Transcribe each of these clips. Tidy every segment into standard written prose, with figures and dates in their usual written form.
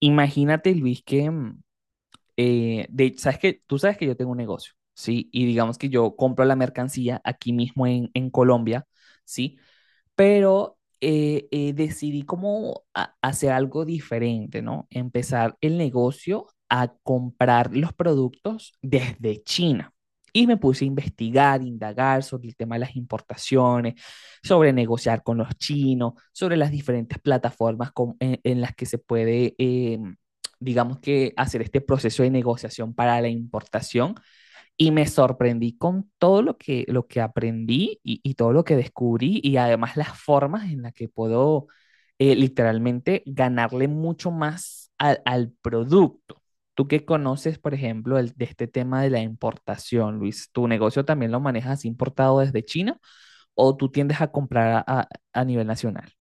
Imagínate, Luis, que sabes que yo tengo un negocio, ¿sí? Y digamos que yo compro la mercancía aquí mismo en Colombia, ¿sí? Pero decidí como hacer algo diferente, ¿no? Empezar el negocio a comprar los productos desde China. Y me puse a investigar, indagar sobre el tema de las importaciones, sobre negociar con los chinos, sobre las diferentes plataformas en las que se puede, digamos que, hacer este proceso de negociación para la importación, y me sorprendí con todo lo que aprendí y todo lo que descubrí y además las formas en las que puedo literalmente ganarle mucho más al producto. Tú que conoces, por ejemplo, de este tema de la importación, Luis, ¿tu negocio también lo manejas importado desde China o tú tiendes a comprar a nivel nacional?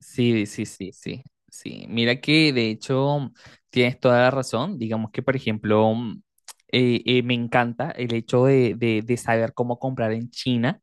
Sí, sí, sí, sí, sí. Mira que de hecho tienes toda la razón. Digamos que, por ejemplo, me encanta el hecho de saber cómo comprar en China.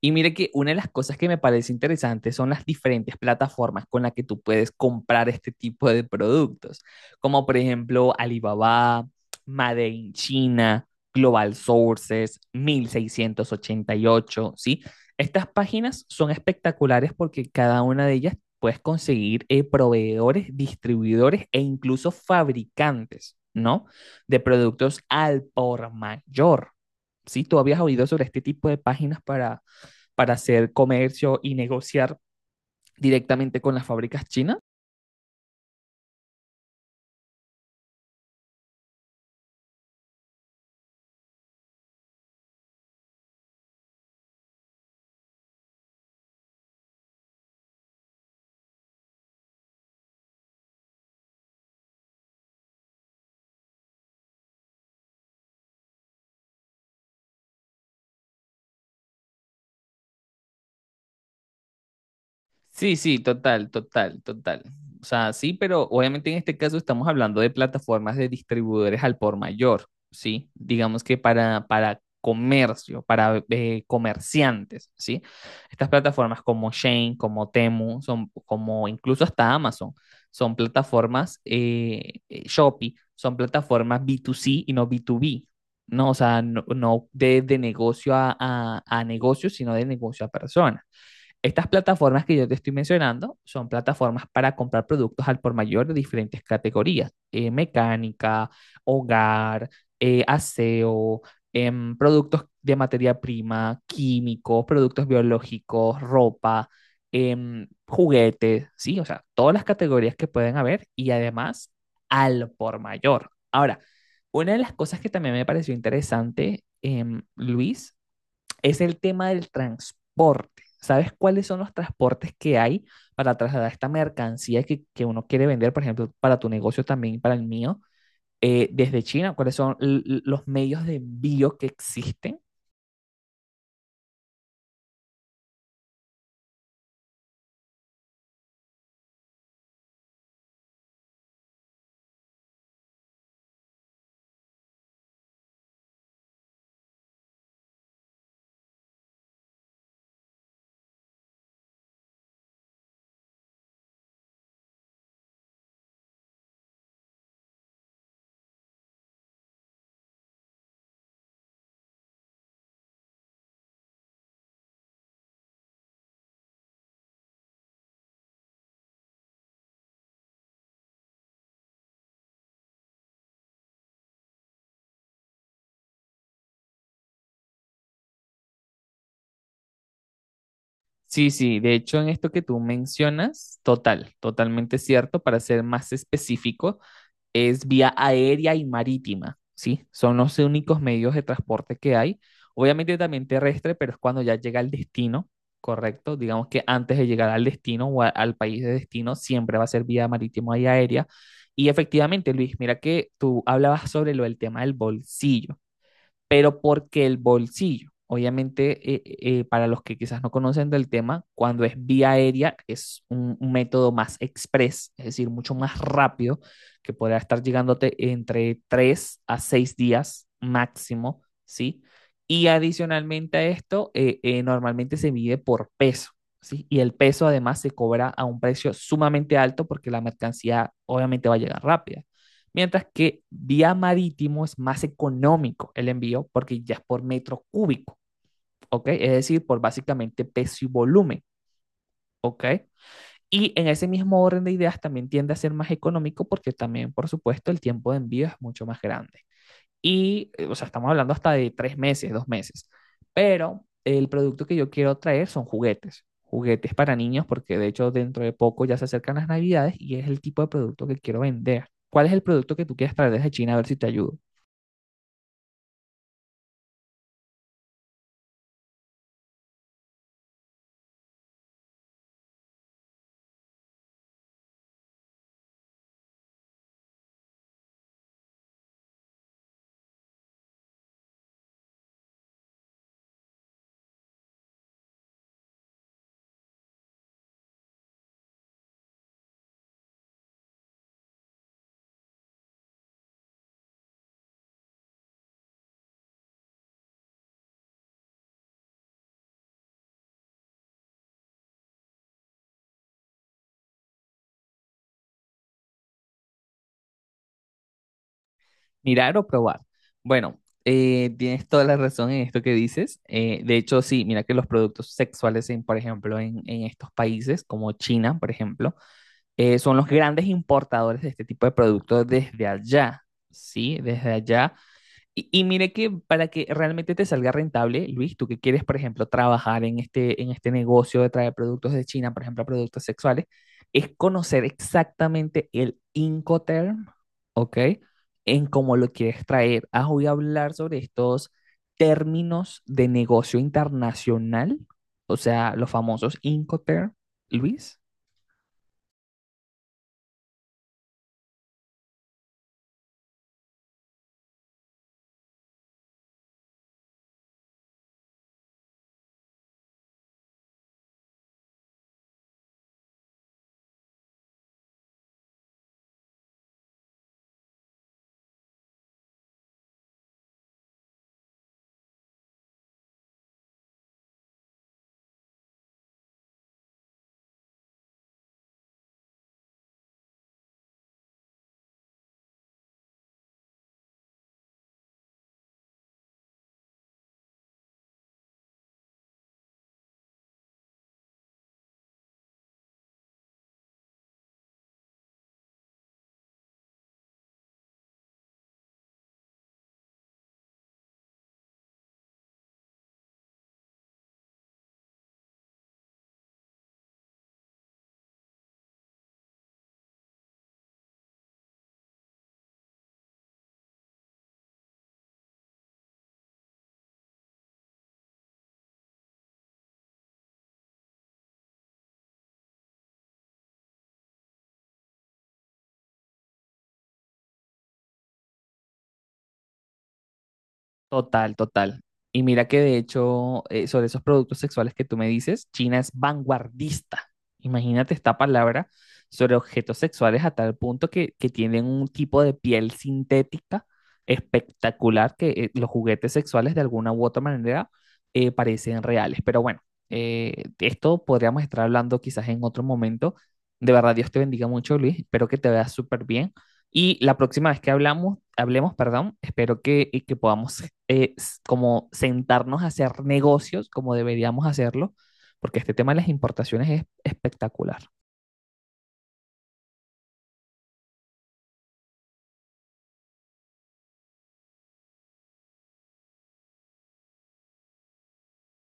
Y mire que una de las cosas que me parece interesante son las diferentes plataformas con las que tú puedes comprar este tipo de productos, como por ejemplo Alibaba, Made in China, Global Sources, 1688, ¿sí? Estas páginas son espectaculares porque cada una de ellas puedes conseguir proveedores, distribuidores e incluso fabricantes, ¿no? De productos al por mayor. ¿Sí? ¿Tú habías oído sobre este tipo de páginas para hacer comercio y negociar directamente con las fábricas chinas? Sí, sí, total, total, total. O sea, sí, pero obviamente en este caso estamos hablando de plataformas de distribuidores al por mayor, ¿sí? Digamos que para comercio, para comerciantes, ¿sí? Estas plataformas como Shane, como Temu, son como incluso hasta Amazon, son plataformas Shopee, son plataformas B2C y no B2B, ¿no? O sea, no, de negocio a negocio, sino de negocio a persona. Estas plataformas que yo te estoy mencionando son plataformas para comprar productos al por mayor de diferentes categorías: mecánica, hogar, aseo, productos de materia prima, químicos, productos biológicos, ropa, juguetes, sí, o sea, todas las categorías que pueden haber y además al por mayor. Ahora, una de las cosas que también me pareció interesante, Luis, es el tema del transporte. ¿Sabes cuáles son los transportes que hay para trasladar esta mercancía que uno quiere vender, por ejemplo, para tu negocio también, para el mío, desde China? ¿Cuáles son los medios de envío que existen? Sí, sí, de hecho en esto que tú mencionas, total, totalmente cierto. Para ser más específicos, es vía aérea y marítima, ¿sí? Son los únicos medios de transporte que hay. Obviamente también terrestre, pero es cuando ya llega al destino, ¿correcto? Digamos que antes de llegar al destino o al país de destino, siempre va a ser vía marítima y aérea. Y efectivamente, Luis, mira que tú hablabas sobre lo del tema del bolsillo, pero porque el bolsillo, obviamente, para los que quizás no conocen del tema, cuando es vía aérea es un método más express, es decir, mucho más rápido, que podrá estar llegándote entre 3 a 6 días máximo, ¿sí? Y adicionalmente a esto, normalmente se mide por peso, ¿sí? Y el peso además se cobra a un precio sumamente alto porque la mercancía obviamente va a llegar rápida. Mientras que vía marítimo es más económico el envío porque ya es por metro cúbico, ¿ok? Es decir, por básicamente peso y volumen, ¿ok? Y en ese mismo orden de ideas también tiende a ser más económico porque también, por supuesto, el tiempo de envío es mucho más grande. Y, o sea, estamos hablando hasta de tres meses, dos meses. Pero el producto que yo quiero traer son juguetes, juguetes para niños, porque de hecho dentro de poco ya se acercan las navidades y es el tipo de producto que quiero vender. ¿Cuál es el producto que tú quieres traer desde China? A ver si te ayudo. Mirar o probar. Bueno, tienes toda la razón en esto que dices. De hecho, sí, mira que los productos sexuales, por ejemplo, en estos países como China, por ejemplo, son los grandes importadores de este tipo de productos desde allá, ¿sí? Desde allá, y mire que para que realmente te salga rentable, Luis, tú que quieres, por ejemplo, trabajar en este negocio de traer productos de China, por ejemplo, productos sexuales, es conocer exactamente el Incoterm, ¿ok? En cómo lo quieres traer. Ah, voy a hablar sobre estos términos de negocio internacional, o sea, los famosos Incoterm, Luis. Total, total. Y mira que de hecho, sobre esos productos sexuales que tú me dices, China es vanguardista. Imagínate esta palabra sobre objetos sexuales a tal punto que tienen un tipo de piel sintética espectacular que los juguetes sexuales de alguna u otra manera parecen reales. Pero bueno, de esto podríamos estar hablando quizás en otro momento. De verdad, Dios te bendiga mucho, Luis. Espero que te veas súper bien. Y la próxima vez que hablamos, hablemos, perdón, espero que, y que podamos eh, como sentarnos a hacer negocios como deberíamos hacerlo, porque este tema de las importaciones es espectacular.